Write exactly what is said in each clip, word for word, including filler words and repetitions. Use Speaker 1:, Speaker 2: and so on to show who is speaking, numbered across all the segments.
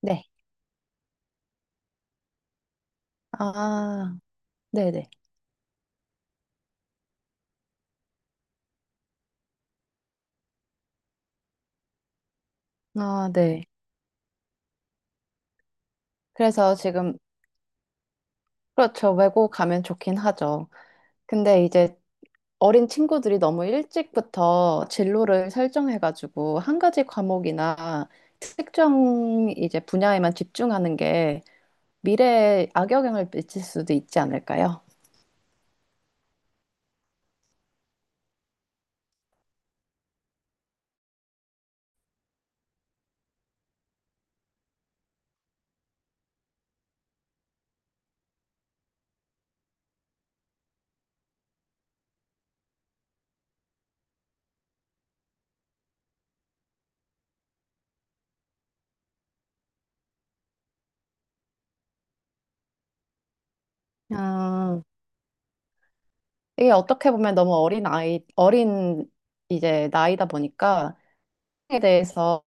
Speaker 1: 네. 아, 네네. 아, 네. 그래서 지금, 그렇죠. 외고 가면 좋긴 하죠. 근데 이제 어린 친구들이 너무 일찍부터 진로를 설정해가지고 한 가지 과목이나 특정 이제 분야에만 집중하는 게 미래에 악영향을 미칠 수도 있지 않을까요? 아, 이게 어떻게 보면 너무 어린 아이, 어린 이제 나이다 보니까 에 대해서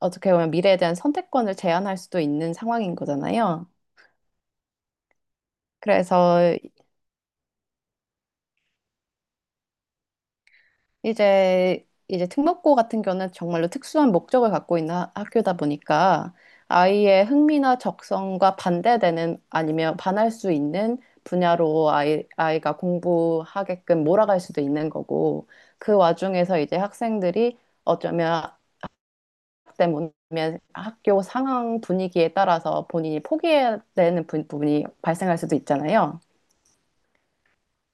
Speaker 1: 어떻게 보면 미래에 대한 선택권을 제한할 수도 있는 상황인 거잖아요. 그래서 이제 이제 특목고 같은 경우는 정말로 특수한 목적을 갖고 있는 하- 학교다 보니까 아이의 흥미나 적성과 반대되는 아니면 반할 수 있는 분야로 아이, 아이가 공부하게끔 몰아갈 수도 있는 거고 그 와중에서 이제 학생들이 어쩌면 때문에 학교 상황 분위기에 따라서 본인이 포기해야 되는 부- 부분이 발생할 수도 있잖아요.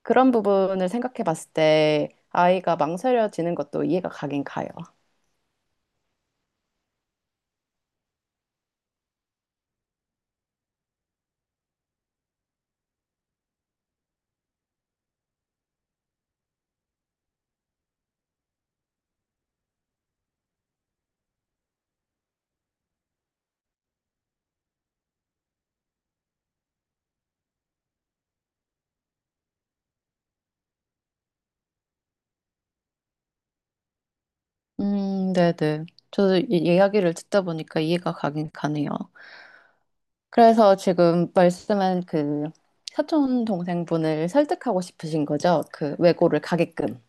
Speaker 1: 그런 부분을 생각해 봤을 때 아이가 망설여지는 것도 이해가 가긴 가요. 음, 네네. 저도 이 이야기를 듣다 보니까 이해가 가긴 가네요. 그래서 지금 말씀한 그 사촌 동생분을 설득하고 싶으신 거죠? 그 외고를 가게끔.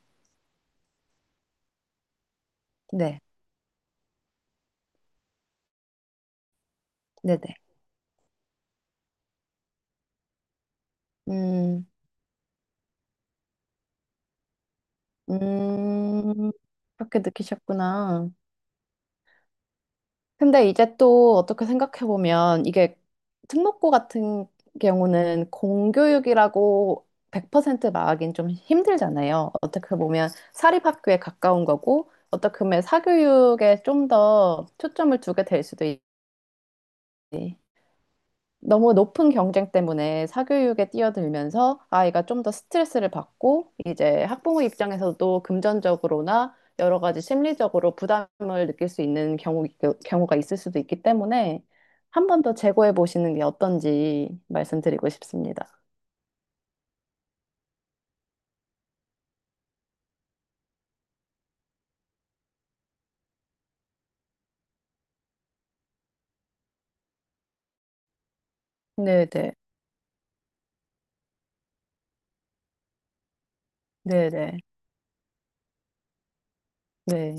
Speaker 1: 네, 네네. 음, 음, 그렇게 느끼셨구나. 근데 이제 또 어떻게 생각해보면 이게 특목고 같은 경우는 공교육이라고 백 퍼센트 말하긴 좀 힘들잖아요. 어떻게 보면 사립학교에 가까운 거고 어떻게 보면 사교육에 좀 더 초점을 두게 될 수도 있지. 너무 높은 경쟁 때문에 사교육에 뛰어들면서 아이가 좀 더 스트레스를 받고 이제 학부모 입장에서도 금전적으로나 여러 가지 심리적으로 부담을 느낄 수 있는 경우, 경우가 있을 수도 있기 때문에 한 번 더 재고해 보시는 게 어떤지 말씀드리고 싶습니다. 네네. 네네. 네.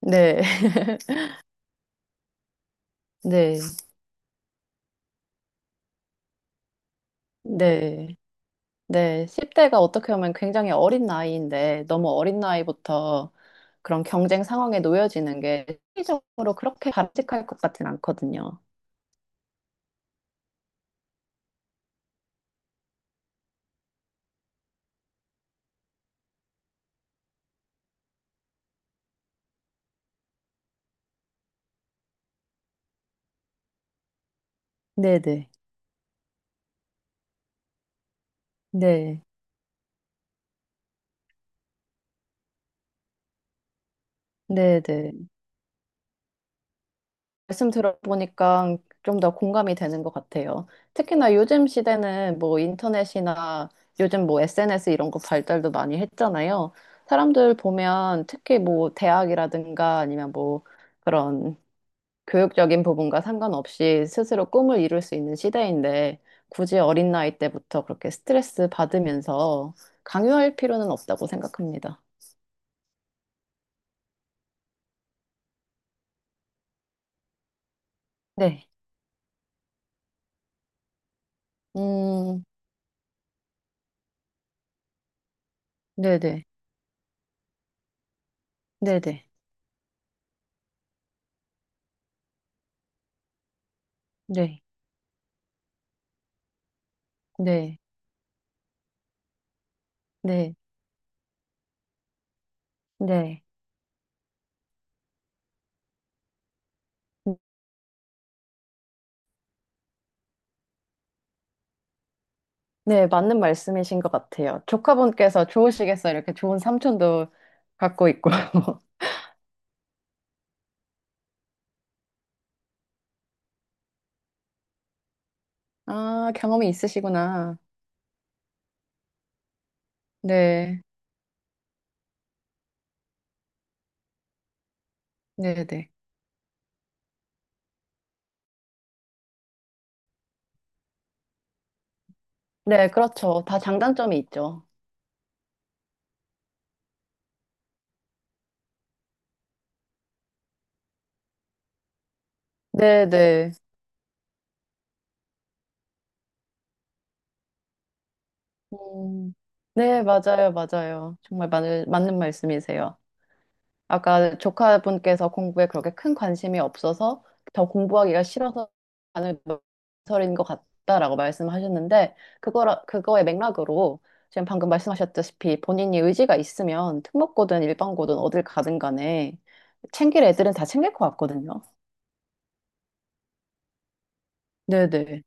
Speaker 1: 네. 네. 네. 네, 십 대가 어떻게 보면 굉장히 어린 나이인데 너무 어린 나이부터 그런 경쟁 상황에 놓여지는 게 심리적으로 그렇게 바람직할 것 같진 않거든요. 네네. 네. 네네. 말씀 들어보니까 좀 더 공감이 되는 것 같아요. 특히나 요즘 시대는 뭐 인터넷이나 요즘 뭐 에스엔에스 이런 거 발달도 많이 했잖아요. 사람들 보면 특히 뭐 대학이라든가 아니면 뭐 그런 교육적인 부분과 상관없이 스스로 꿈을 이룰 수 있는 시대인데 굳이 어린 나이 때부터 그렇게 스트레스 받으면서 강요할 필요는 없다고 생각합니다. 네, 음, 네네, 네네, 네, 네, 네, 네. 네, 맞는 말씀이신 것 같아요. 조카분께서 좋으시겠어요. 이렇게 좋은 삼촌도 갖고 있고. 아, 경험이 있으시구나. 네, 네네. 네, 그렇죠. 다 장단점이 있죠. 네네. 음, 네, 맞아요, 맞아요. 정말 맞는, 맞는 말씀이세요. 아까 조카분께서 공부에 그렇게 큰 관심이 없어서 더 공부하기가 싫어서 반을 망설인 것 같다라고 말씀하셨는데, 그거, 그거의 맥락으로 지금 방금 말씀하셨다시피 본인이 의지가 있으면 특목고든 일반고든 어딜 가든 간에 챙길 애들은 다 챙길 것 같거든요. 네네.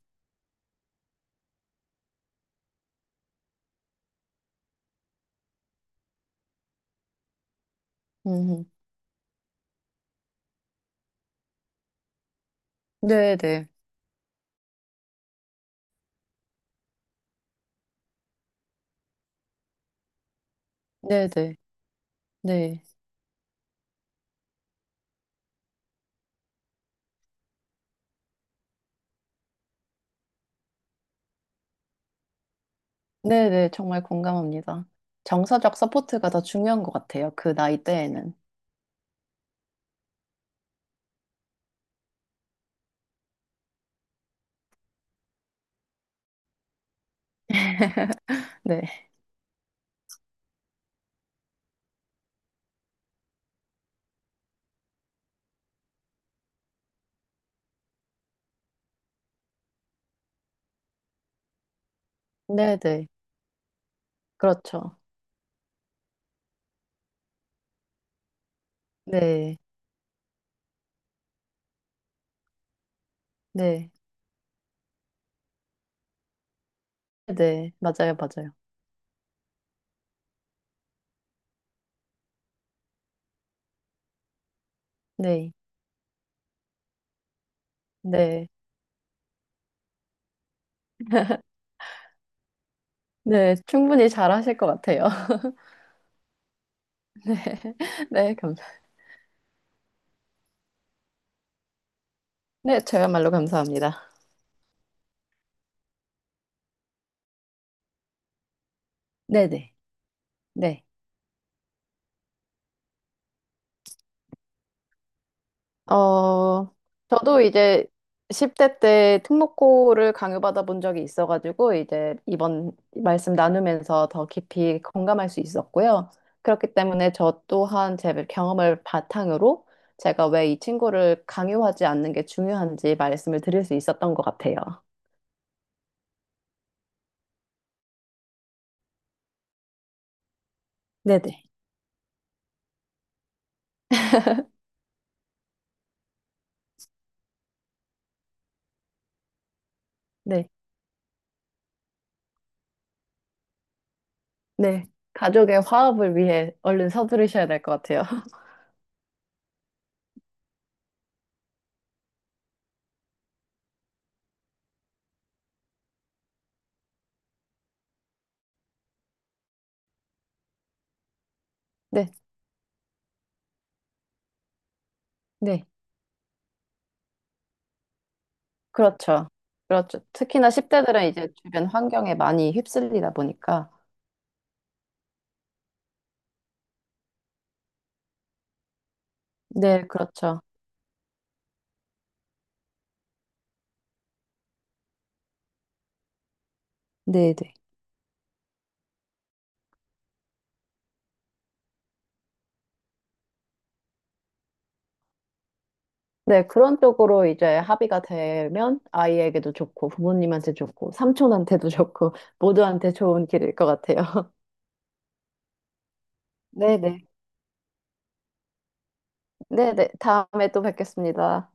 Speaker 1: 음, 네네. 네네. 네. 네네, 정말 공감합니다. 정서적 서포트가 더 중요한 것 같아요. 그 나이대에는. 네. 네네. 그렇죠. 네. 네. 네. 맞아요. 맞아요. 네. 네. 네. 충분히 잘하실 것 같아요. 네. 네. 감사. 네. 저야말로 감사합니다. 네네. 네. 어, 저도 이제 십 대 때 특목고를 강요받아 본 적이 있어가지고, 이제 이번 말씀 나누면서 더 깊이 공감할 수 있었고요. 그렇기 때문에 저 또한 제 경험을 바탕으로 제가 왜 이 친구를 강요하지 않는 게 중요한지 말씀을 드릴 수 있었던 것 같아요. 네네. 네, 네. 가족의 화합을 위해 얼른 서두르셔야 될 것 같아요. 네, 네. 그렇죠. 그렇죠. 특히나 십 대들은 이제 주변 환경에 많이 휩쓸리다 보니까. 네, 그렇죠. 네, 네. 네, 그런 쪽으로 이제 합의가 되면 아이에게도 좋고, 부모님한테 좋고, 삼촌한테도 좋고, 모두한테 좋은 길일 것 같아요. 네, 네. 네, 네. 다음에 또 뵙겠습니다.